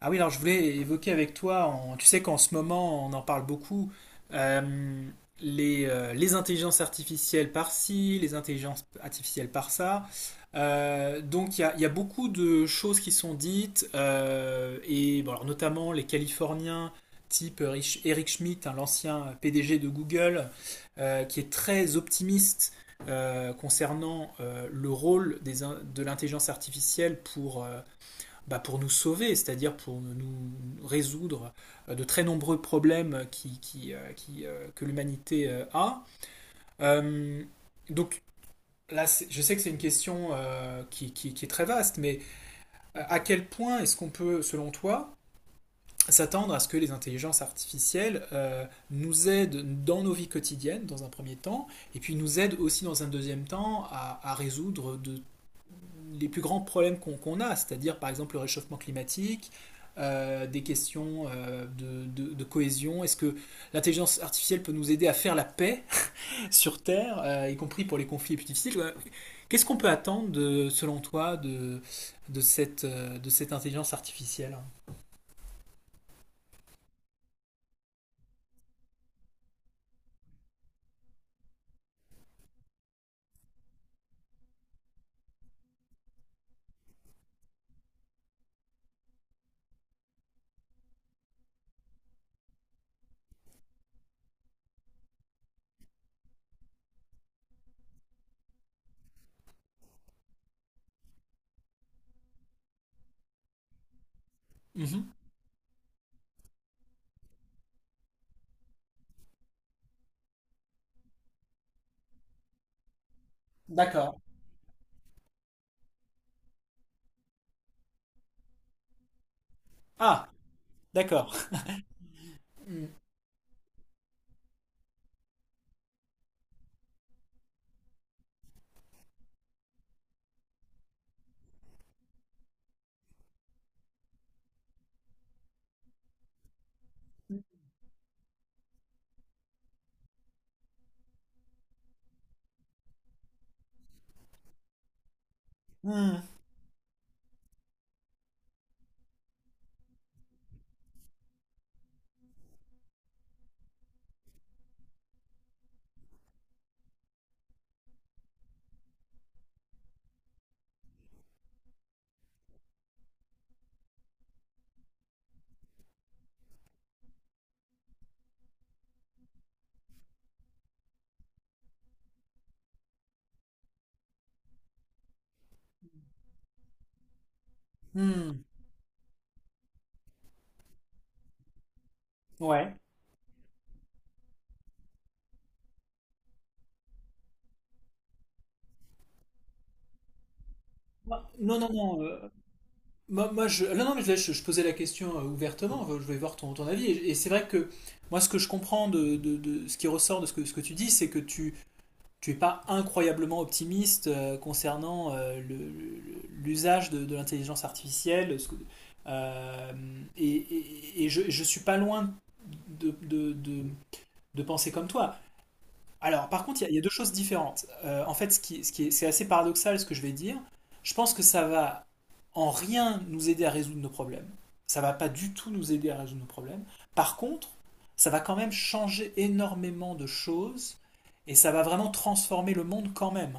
Ah oui, alors je voulais évoquer avec toi, tu sais qu'en ce moment on en parle beaucoup, euh, les intelligences artificielles par-ci, les intelligences artificielles par-ça. Donc il y a beaucoup de choses qui sont dites, et bon, alors, notamment les Californiens type Eric Schmidt, hein, l'ancien PDG de Google, qui est très optimiste concernant le rôle de l'intelligence artificielle pour, bah, pour nous sauver, c'est-à-dire pour nous résoudre de très nombreux problèmes que l'humanité a. Euh, donc là, je sais que c'est une question qui, est très vaste, mais à quel point est-ce qu'on peut, selon toi, s'attendre à ce que les intelligences artificielles nous aident dans nos vies quotidiennes, dans un premier temps, et puis nous aident aussi dans un deuxième temps à résoudre les plus grands problèmes qu'on qu a, c'est-à-dire par exemple le réchauffement climatique, des questions de, cohésion. Est-ce que l'intelligence artificielle peut nous aider à faire la paix sur Terre, y compris pour les conflits les plus difficiles. Qu'est-ce qu'on peut attendre, selon toi, cette, de cette intelligence artificielle. Mm -hmm. D'accord. Ah, d'accord. Mm. Mm. Mm. Ouais. Non, non, non. Je... Non, non, mais je posais la question ouvertement, enfin, je vais voir ton avis. Et c'est vrai que moi, ce que je comprends de ce qui ressort de ce que tu dis, c'est que tu es pas incroyablement optimiste concernant l'usage de l'intelligence artificielle. Euh, et je suis pas loin de, de- de- de penser comme toi. Alors, par contre, il y a deux choses différentes. En fait, ce qui est, c'est assez paradoxal ce que je vais dire. Je pense que ça va en rien nous aider à résoudre nos problèmes. Ça va pas du tout nous aider à résoudre nos problèmes. Par contre, ça va quand même changer énormément de choses et ça va vraiment transformer le monde quand même.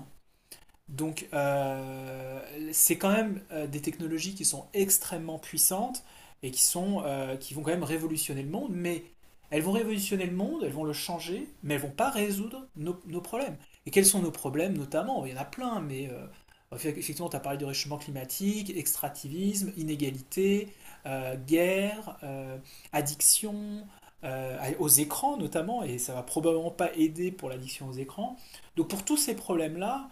Donc, c'est quand même des technologies qui sont extrêmement puissantes et qui vont quand même révolutionner le monde, mais elles vont révolutionner le monde, elles vont le changer, mais elles vont pas résoudre nos problèmes. Et quels sont nos problèmes notamment? Il y en a plein, mais effectivement, tu as parlé de réchauffement climatique, extractivisme, inégalité, guerre, addiction aux écrans notamment, et ça va probablement pas aider pour l'addiction aux écrans. Donc pour tous ces problèmes-là,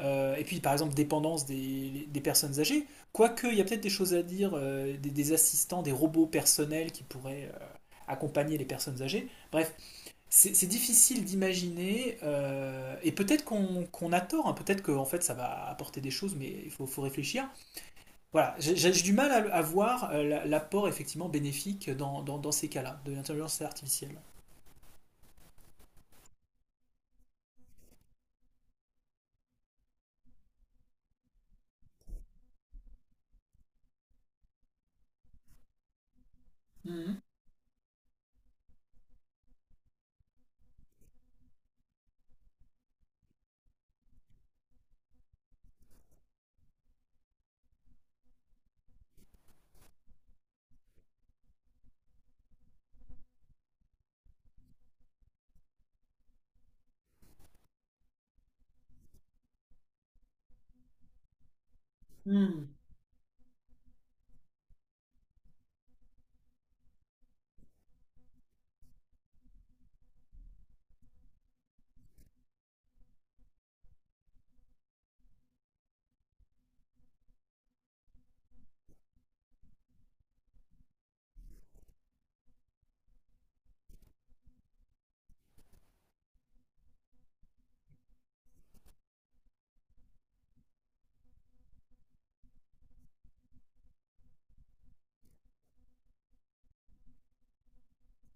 et puis, par exemple, dépendance des personnes âgées. Quoique, il y a peut-être des choses à dire, assistants, des robots personnels qui pourraient accompagner les personnes âgées. Bref, c'est difficile d'imaginer, et peut-être qu'on qu a tort, hein, peut-être qu'en en fait ça va apporter des choses, mais faut réfléchir. Voilà, j'ai du mal à voir l'apport effectivement bénéfique dans ces cas-là, de l'intelligence artificielle. Mmh. Mmh.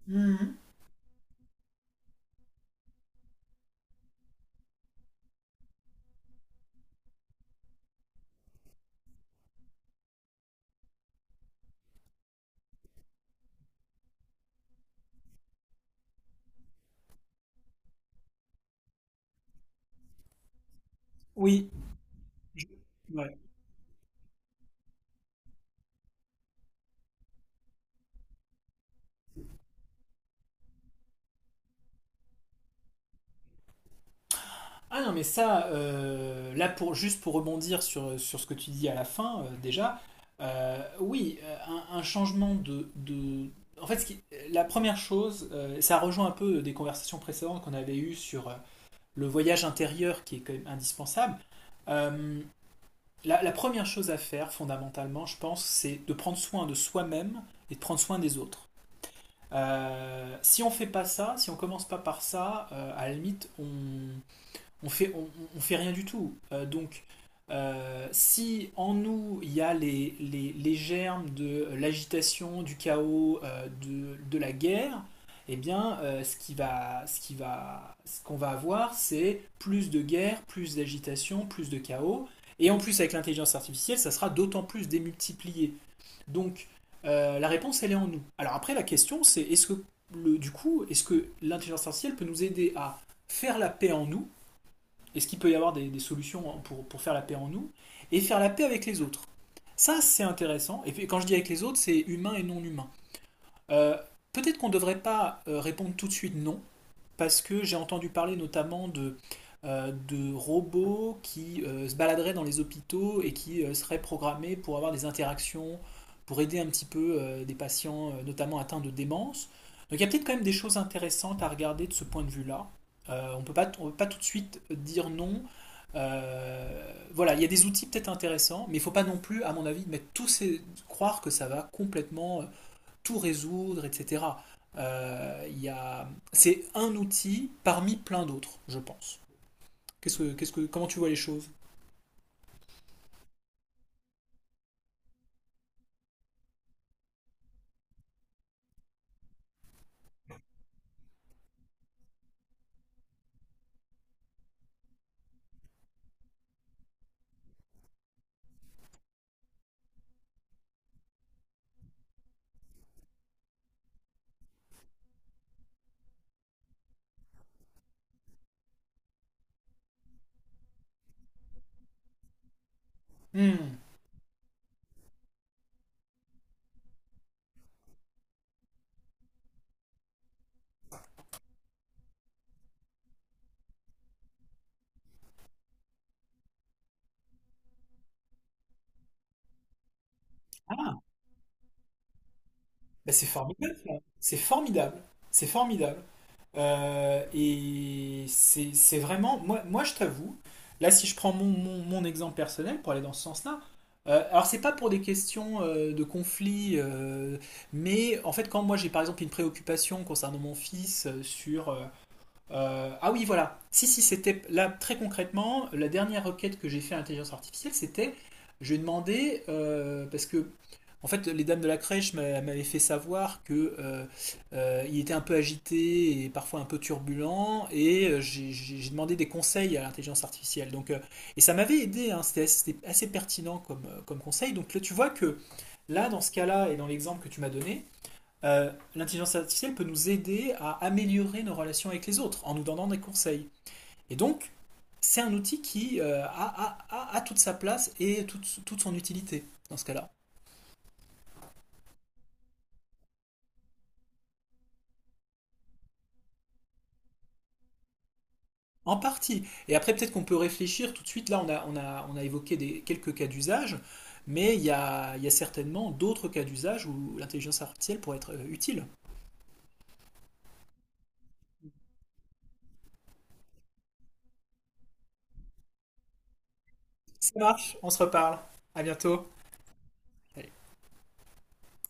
Mmh. Oui, je... ouais. Ah non, mais ça, là, juste pour rebondir sur ce que tu dis à la fin, déjà, oui, un changement En fait, ce qui- la première chose, ça rejoint un peu des conversations précédentes qu'on avait eues sur le voyage intérieur qui est quand même indispensable. Euh, la première chose à faire, fondamentalement, je pense, c'est de prendre soin de soi-même et de prendre soin des autres. Si on fait pas ça, si on commence pas par ça, à la limite, on fait, on, on fait rien du tout. Donc, si en nous il y a les germes de l'agitation, du chaos, de la guerre, eh bien, ce qu'on va avoir, c'est plus de guerre, plus d'agitation, plus de chaos. Et en plus, avec l'intelligence artificielle, ça sera d'autant plus démultiplié. Donc, la réponse, elle est en nous. Alors après, la question, c'est est-ce que est-ce que l'intelligence artificielle peut nous aider à faire la paix en nous, est-ce qu'il peut y avoir des solutions hein, pour faire la paix en nous et faire la paix avec les autres. Ça, c'est intéressant. Et puis, quand je dis avec les autres, c'est humain et non humain. Euh, Peut-être qu'on ne devrait pas répondre tout de suite non, parce que j'ai entendu parler notamment de robots qui se baladeraient dans les hôpitaux et qui seraient programmés pour avoir des interactions, pour aider un petit peu des patients, notamment atteints de démence. Donc il y a peut-être quand même des choses intéressantes à regarder de ce point de vue-là. On peut pas tout de suite dire non. Voilà, il y a des outils peut-être intéressants, mais il ne faut pas non plus, à mon avis, croire que ça va complètement tout résoudre, etc. C'est un outil parmi plein d'autres, je pense. Comment tu vois les choses? Hmm. Ah, bah c'est formidable, ça. C'est formidable. C'est formidable. C'est vraiment, moi je t'avoue, là si je prends mon exemple personnel pour aller dans ce sens-là, alors c'est pas pour des questions de conflit, mais en fait quand moi j'ai par exemple une préoccupation concernant mon fils sur ah oui, voilà. Si, si, c'était là très concrètement, la dernière requête que j'ai fait à l'intelligence artificielle, c'était je lui ai demandé, parce que en fait, les dames de la crèche m'avaient fait savoir que il était un peu agité et parfois un peu turbulent, et j'ai demandé des conseils à l'intelligence artificielle. Donc, et ça m'avait aidé, hein, c'était assez pertinent comme conseil. Donc là, tu vois que là, dans ce cas-là et dans l'exemple que tu m'as donné, l'intelligence artificielle peut nous aider à améliorer nos relations avec les autres en nous donnant des conseils. Et donc, c'est un outil qui a toute sa place et toute son utilité dans ce cas-là. En partie. Et après, peut-être qu'on peut réfléchir tout de suite. Là, on a évoqué quelques cas d'usage, mais il y a certainement d'autres cas d'usage où l'intelligence artificielle pourrait être utile. Ça marche, on se reparle. À bientôt. Allez.